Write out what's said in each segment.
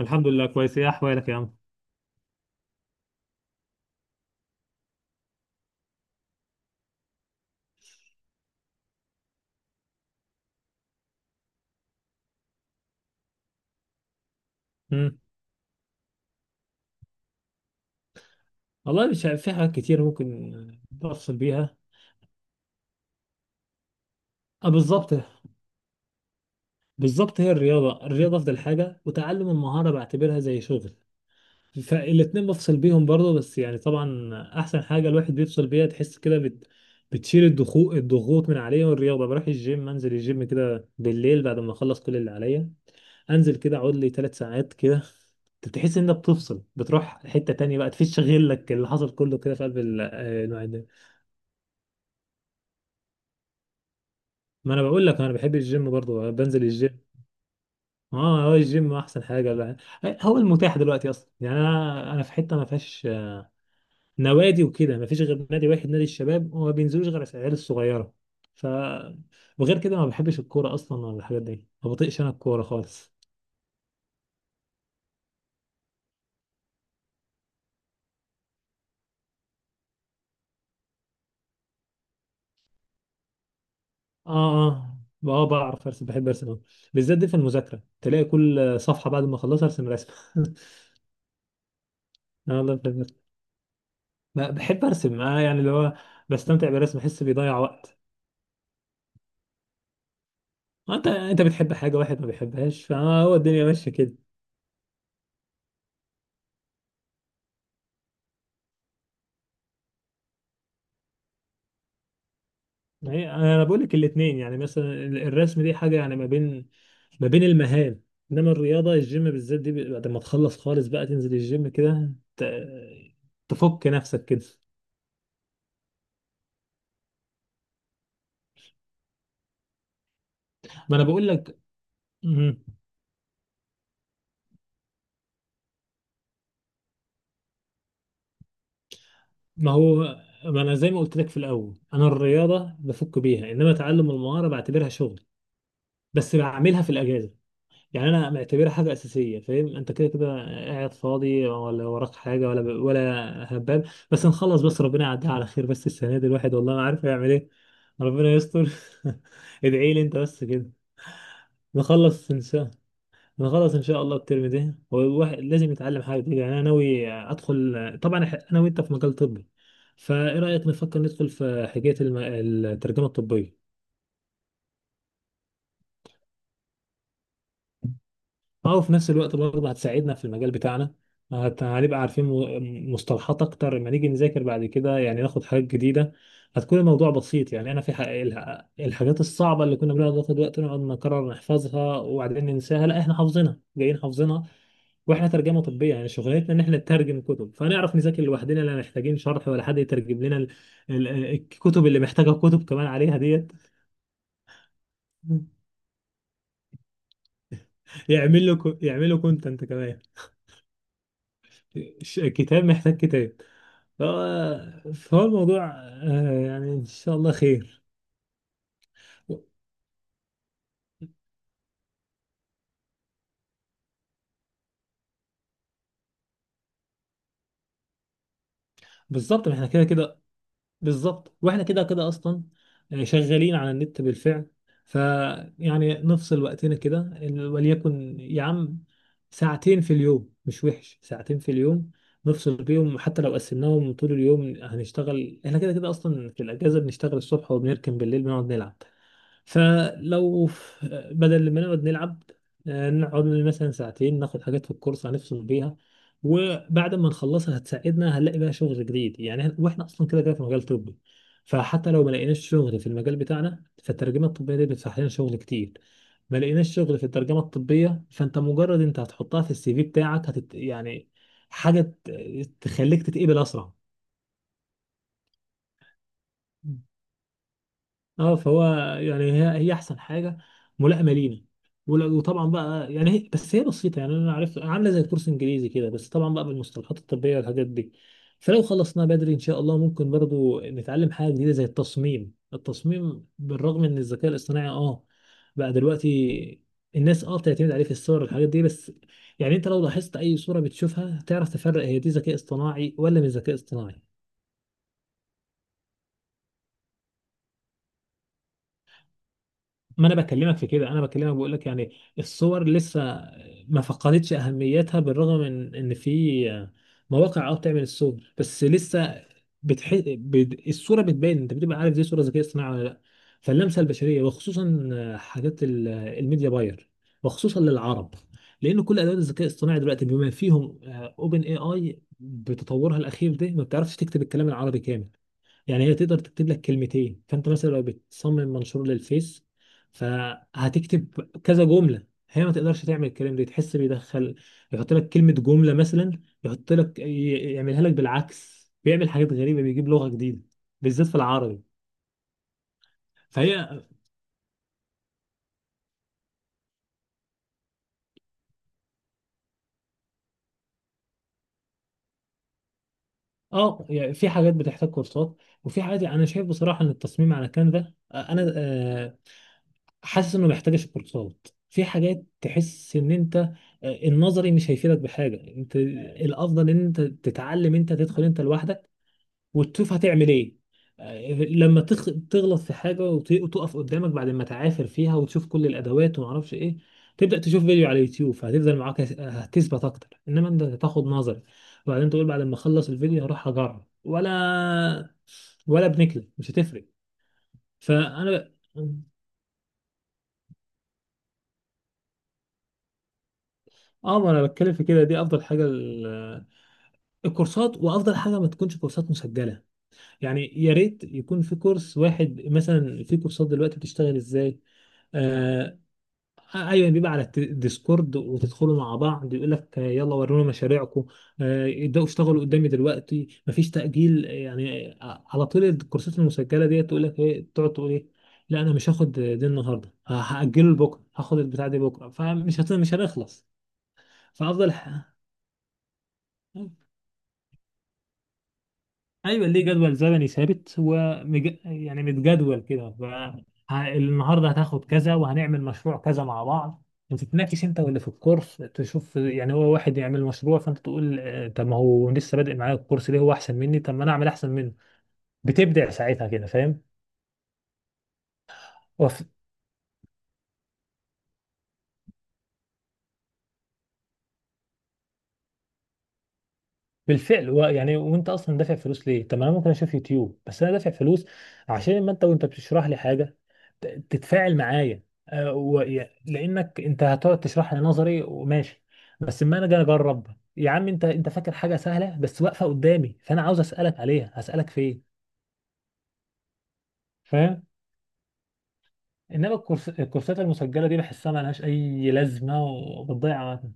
الحمد لله كويس، ايه احوالك يا عم؟ مم. والله مش عارف، في حاجات كتير ممكن تفصل بيها. اه، بالظبط. بالظبط، هي الرياضة الرياضة أفضل حاجة، وتعلم المهارة بعتبرها زي شغل. فالاتنين بفصل بيهم برضه، بس يعني طبعا أحسن حاجة الواحد بيفصل بيها تحس كده بتشيل الضغوط الضغوط من عليه. والرياضة بروح الجيم، أنزل الجيم كده بالليل بعد ما أخلص كل اللي عليا، أنزل كده أقعد لي ثلاث ساعات كده. بتحس إنك بتفصل، بتروح حتة تانية بقى، تفش غلك اللي حصل كله كده في قلب النوع. ما انا بقول لك انا بحب الجيم برضو، بنزل الجيم. اه، هو الجيم احسن حاجه. لا، هو المتاح دلوقتي اصلا. يعني انا في حته ما فيهاش نوادي وكده، ما فيش غير نادي واحد نادي الشباب، وما بينزلوش غير العيال الصغيره. ف وغير كده ما بحبش الكوره اصلا ولا الحاجات دي، ما بطيقش انا الكوره خالص. اه. اه. اه، بعرف ارسم، بحب ارسم أوي. بالذات دي في المذاكره، تلاقي كل صفحه بعد ما اخلصها ارسم رسمه. اه والله بحب أرسم. بحب ارسم انا، يعني اللي هو بستمتع بالرسم، بحس بيضيع وقت. انت بتحب حاجه، واحد ما بيحبهاش، فهو الدنيا ماشيه كده. ما هي انا بقول لك الاثنين. يعني مثلا الرسم دي حاجه يعني ما بين المهام، انما الرياضه الجيم بالذات دي، بعد ما تخلص خالص بقى، تنزل الجيم كده، تفك نفسك كده. ما انا بقول لك. مم. ما هو ما انا زي ما قلت لك في الاول، انا الرياضه بفك بيها، انما تعلم المهاره بعتبرها شغل، بس بعملها في الاجازه. يعني انا معتبرها حاجه اساسيه، فاهم انت كده كده؟ قاعد فاضي ولا وراك حاجه ولا هبال؟ بس نخلص، بس ربنا يعديها على خير. بس السنه دي الواحد والله ما عارف يعمل ايه. ربنا يستر. ادعي لي انت بس كده. نخلص ان شاء، نخلص ان شاء الله الترم ده، والواحد لازم يتعلم حاجه جديدة. يعني انا ناوي ادخل طبعا انا وانت في مجال طبي، فايه رايك نفكر ندخل في حكايه الترجمه الطبيه. اه، وفي نفس الوقت برضه هتساعدنا في المجال بتاعنا. هنبقى عارفين مصطلحات اكتر لما نيجي نذاكر بعد كده. يعني ناخد حاجات جديدة، هتكون الموضوع بسيط. يعني انا في الحاجات الصعبة اللي كنا بنقعد ناخد وقت نقعد نكرر نحفظها وبعدين ننساها، لا احنا حافظينها، جايين حافظينها. واحنا ترجمة طبية، يعني شغلتنا ان احنا نترجم كتب، فنعرف نذاكر لوحدنا، لا محتاجين شرح ولا حد يترجم لنا الكتب اللي محتاجة كتب كمان عليها ديت. يعمل له، يعمل له كونتنت كمان. كتاب محتاج كتاب. آه، فهو الموضوع، آه، يعني ان شاء الله خير. بالظبط، ما احنا كده كده. بالظبط، واحنا كده كده اصلا آه، شغالين على النت بالفعل. فيعني نفصل وقتنا كده وليكن يا عم ساعتين في اليوم. مش وحش ساعتين في اليوم، نفصل بيهم. حتى لو قسمناهم طول اليوم، هنشتغل احنا كده كده اصلا في الاجازه. بنشتغل الصبح وبنركن بالليل بنقعد نلعب. فلو بدل ما نقعد نلعب، آه، نقعد مثلا ساعتين ناخد حاجات في الكورس، هنفصل بيها. وبعد ما نخلصها هتساعدنا، هنلاقي بقى شغل جديد. يعني واحنا اصلا كده كده في مجال طبي، فحتى لو ما لقيناش شغل في المجال بتاعنا، فالترجمه الطبيه دي بتفتح لنا شغل كتير. ما لقيناش شغل في الترجمه الطبيه، فانت مجرد انت هتحطها في السي في بتاعك، يعني حاجه تخليك تتقبل اسرع. اه، فهو يعني هي احسن حاجه ملائمه لينا. وطبعا بقى يعني هي بس هي بسيطه. يعني انا عارف عامله زي الكورس الانجليزي كده، بس طبعا بقى بالمصطلحات الطبيه والحاجات دي. فلو خلصناه بدري ان شاء الله، ممكن برضو نتعلم حاجه جديده زي التصميم. التصميم بالرغم ان الذكاء الاصطناعي اه بقى دلوقتي الناس اه بتعتمد عليه في الصور والحاجات دي، بس يعني انت لو لاحظت اي صوره بتشوفها تعرف تفرق هي دي ذكاء اصطناعي ولا مش ذكاء اصطناعي. ما انا بكلمك في كده، انا بكلمك بقول لك يعني الصور لسه ما فقدتش اهميتها، بالرغم من ان في مواقع اه بتعمل الصور، بس لسه الصوره بتبان، انت بتبقى عارف دي صوره ذكيه اصطناعي ولا لا. فاللمسه البشريه، وخصوصا حاجات الميديا باير، وخصوصا للعرب، لان كل ادوات الذكاء الاصطناعي دلوقتي بما فيهم اوبن اي اي بتطورها الاخير ده، ما بتعرفش تكتب الكلام العربي كامل. يعني هي تقدر تكتب لك كلمتين، فانت مثلا لو بتصمم منشور للفيس فهتكتب كذا جمله، هي ما تقدرش تعمل الكلام ده، تحس بيدخل يحط لك كلمه جمله. مثلا يحط لك، يعملها لك بالعكس، بيعمل حاجات غريبه، بيجيب لغه جديده بالذات في العربي. فهي اه يعني في حاجات بتحتاج كورسات، وفي حاجات يعني انا شايف بصراحه ان التصميم على كانفا آه، انا آه، حاسس انه محتاج الكورسات. في حاجات تحس ان انت آه، النظري مش هيفيدك بحاجه، انت الافضل ان انت تتعلم، انت تدخل انت لوحدك وتشوف هتعمل ايه. آه، لما تغلط في حاجه وتقف قدامك، بعد ما تعافر فيها وتشوف كل الادوات وما اعرفش ايه، تبدا تشوف فيديو على اليوتيوب، فهتفضل معاك هتثبت اكتر. انما انت تاخد نظري وبعدين تقول بعد ما اخلص الفيديو هروح اجرب، ولا بنكله مش هتفرق. فانا اه ما انا بتكلم في كده، دي افضل حاجه الكورسات. وافضل حاجه ما تكونش كورسات مسجله، يعني يا ريت يكون في كورس واحد. مثلا في كورسات دلوقتي بتشتغل ازاي؟ آه، ايوه، بيبقى على الديسكورد، وتدخلوا مع بعض يقول لك آه، يلا ورونا مشاريعكم. آه، ابداوا اشتغلوا قدامي دلوقتي، مفيش تاجيل. آه، يعني آه، على طول. الكورسات المسجله ديت تقول لك ايه، تقعد تقول ايه، لا انا مش هاخد دي النهارده، هاجله لبكره، هاخد البتاع دي بكره. مش هنخلص. فافضل، ايوه، ليه جدول زمني ثابت ومج... يعني متجدول كده. النهارده هتاخد كذا، وهنعمل مشروع كذا مع بعض، وتتناقش انت واللي في الكورس تشوف. يعني هو واحد يعمل مشروع، فانت تقول آه، طب ما هو لسه بادئ معايا الكورس، ليه هو احسن مني؟ طب ما انا اعمل احسن منه. بتبدع ساعتها كده، فاهم؟ وفي بالفعل. يعني وانت اصلا دافع فلوس ليه؟ طب ما انا ممكن اشوف يوتيوب. بس انا دافع فلوس عشان ما انت وانت بتشرح لي حاجه، تتفاعل معايا. آه، لانك انت هتقعد تشرح لي نظري وماشي، بس اما انا جاي اجرب، يا عم انت انت فاكر حاجه سهله، بس واقفه قدامي، فانا عاوز اسالك عليها، هسالك فين؟ فاهم؟ انما الكورس، الكورسات المسجله دي بحسها ملهاش اي لازمه وبتضيع وقتنا.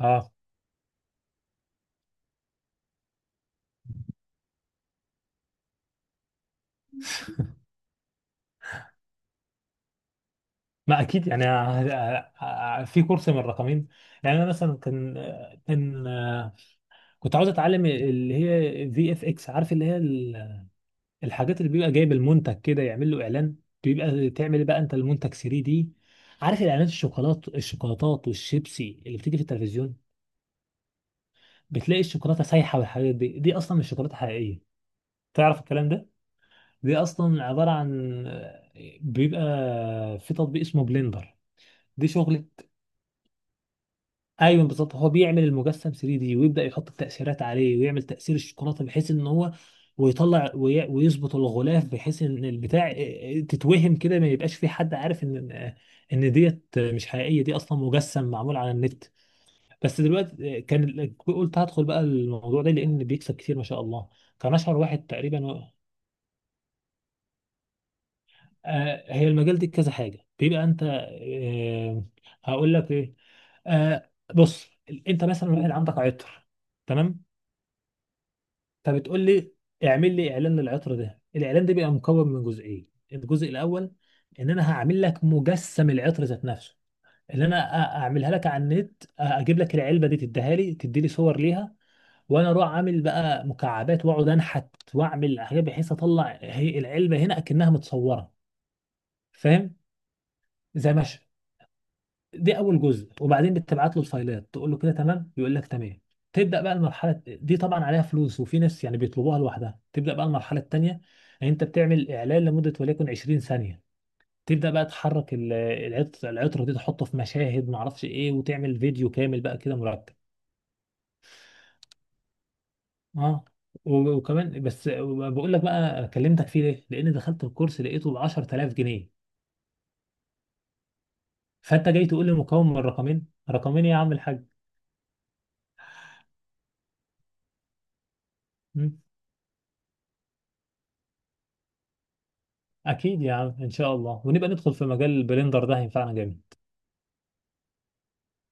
اه، ما اكيد يعني في كورس من الرقمين. يعني انا مثلا كان كنت عاوز اتعلم اللي هي في اف اكس، عارف اللي هي الحاجات اللي بيبقى جايب المنتج كده يعمل له اعلان، بيبقى تعمل بقى انت المنتج 3 دي. عارف الاعلانات الشوكولات الشوكولاتات والشيبسي اللي بتيجي في التلفزيون، بتلاقي الشوكولاته سايحه والحاجات دي، دي اصلا مش شوكولاته حقيقيه. تعرف الكلام ده؟ دي اصلا عباره عن، بيبقى في تطبيق اسمه بلندر. دي شغل. ايوه، بالظبط، هو بيعمل المجسم 3 دي ويبدا يحط التاثيرات عليه ويعمل تاثير الشوكولاته بحيث ان هو ويطلع ويظبط الغلاف بحيث ان البتاع تتوهم كده، ما يبقاش في حد عارف ان ديت مش حقيقيه، دي اصلا مجسم معمول على النت. بس دلوقتي كان قلت هدخل بقى الموضوع ده لان بيكسب كتير ما شاء الله، كان اشهر واحد تقريبا. آه، هي المجال دي كذا حاجه بيبقى انت آه، هقول لك ايه. آه، بص، انت مثلا واحد عندك عطر، تمام؟ فبتقول لي اعمل لي اعلان للعطر ده. الاعلان ده بيبقى مكون من جزئين. الجزء الاول، ان انا هعمل لك مجسم العطر ذات نفسه، اللي انا اعملها لك على النت. اجيب لك العلبه دي، تديها لي، تدي لي صور ليها، وانا اروح عامل بقى مكعبات واقعد انحت، واعمل حاجات بحيث اطلع هي العلبه هنا اكنها متصوره، فاهم؟ زي ما، دي اول جزء. وبعدين بتبعت له الفايلات، تقول له كده تمام، يقول لك تمام. تبدا بقى المرحله دي، طبعا عليها فلوس، وفي ناس يعني بيطلبوها لوحدها. تبدا بقى المرحله الثانيه، يعني انت بتعمل اعلان لمده وليكن 20 ثانيه. تبدا بقى تحرك العطره دي، تحطه في مشاهد ما اعرفش ايه، وتعمل فيديو كامل بقى كده مرتب. اه، وكمان، بس بقول لك بقى كلمتك فيه ليه، لان دخلت الكورس لقيته ب 10000 جنيه. فانت جاي تقول لي مكون من رقمين، رقمين إيه يا عم الحاج! اكيد يا عم ان شاء الله، ونبقى ندخل في مجال البلندر ده، هينفعنا جامد.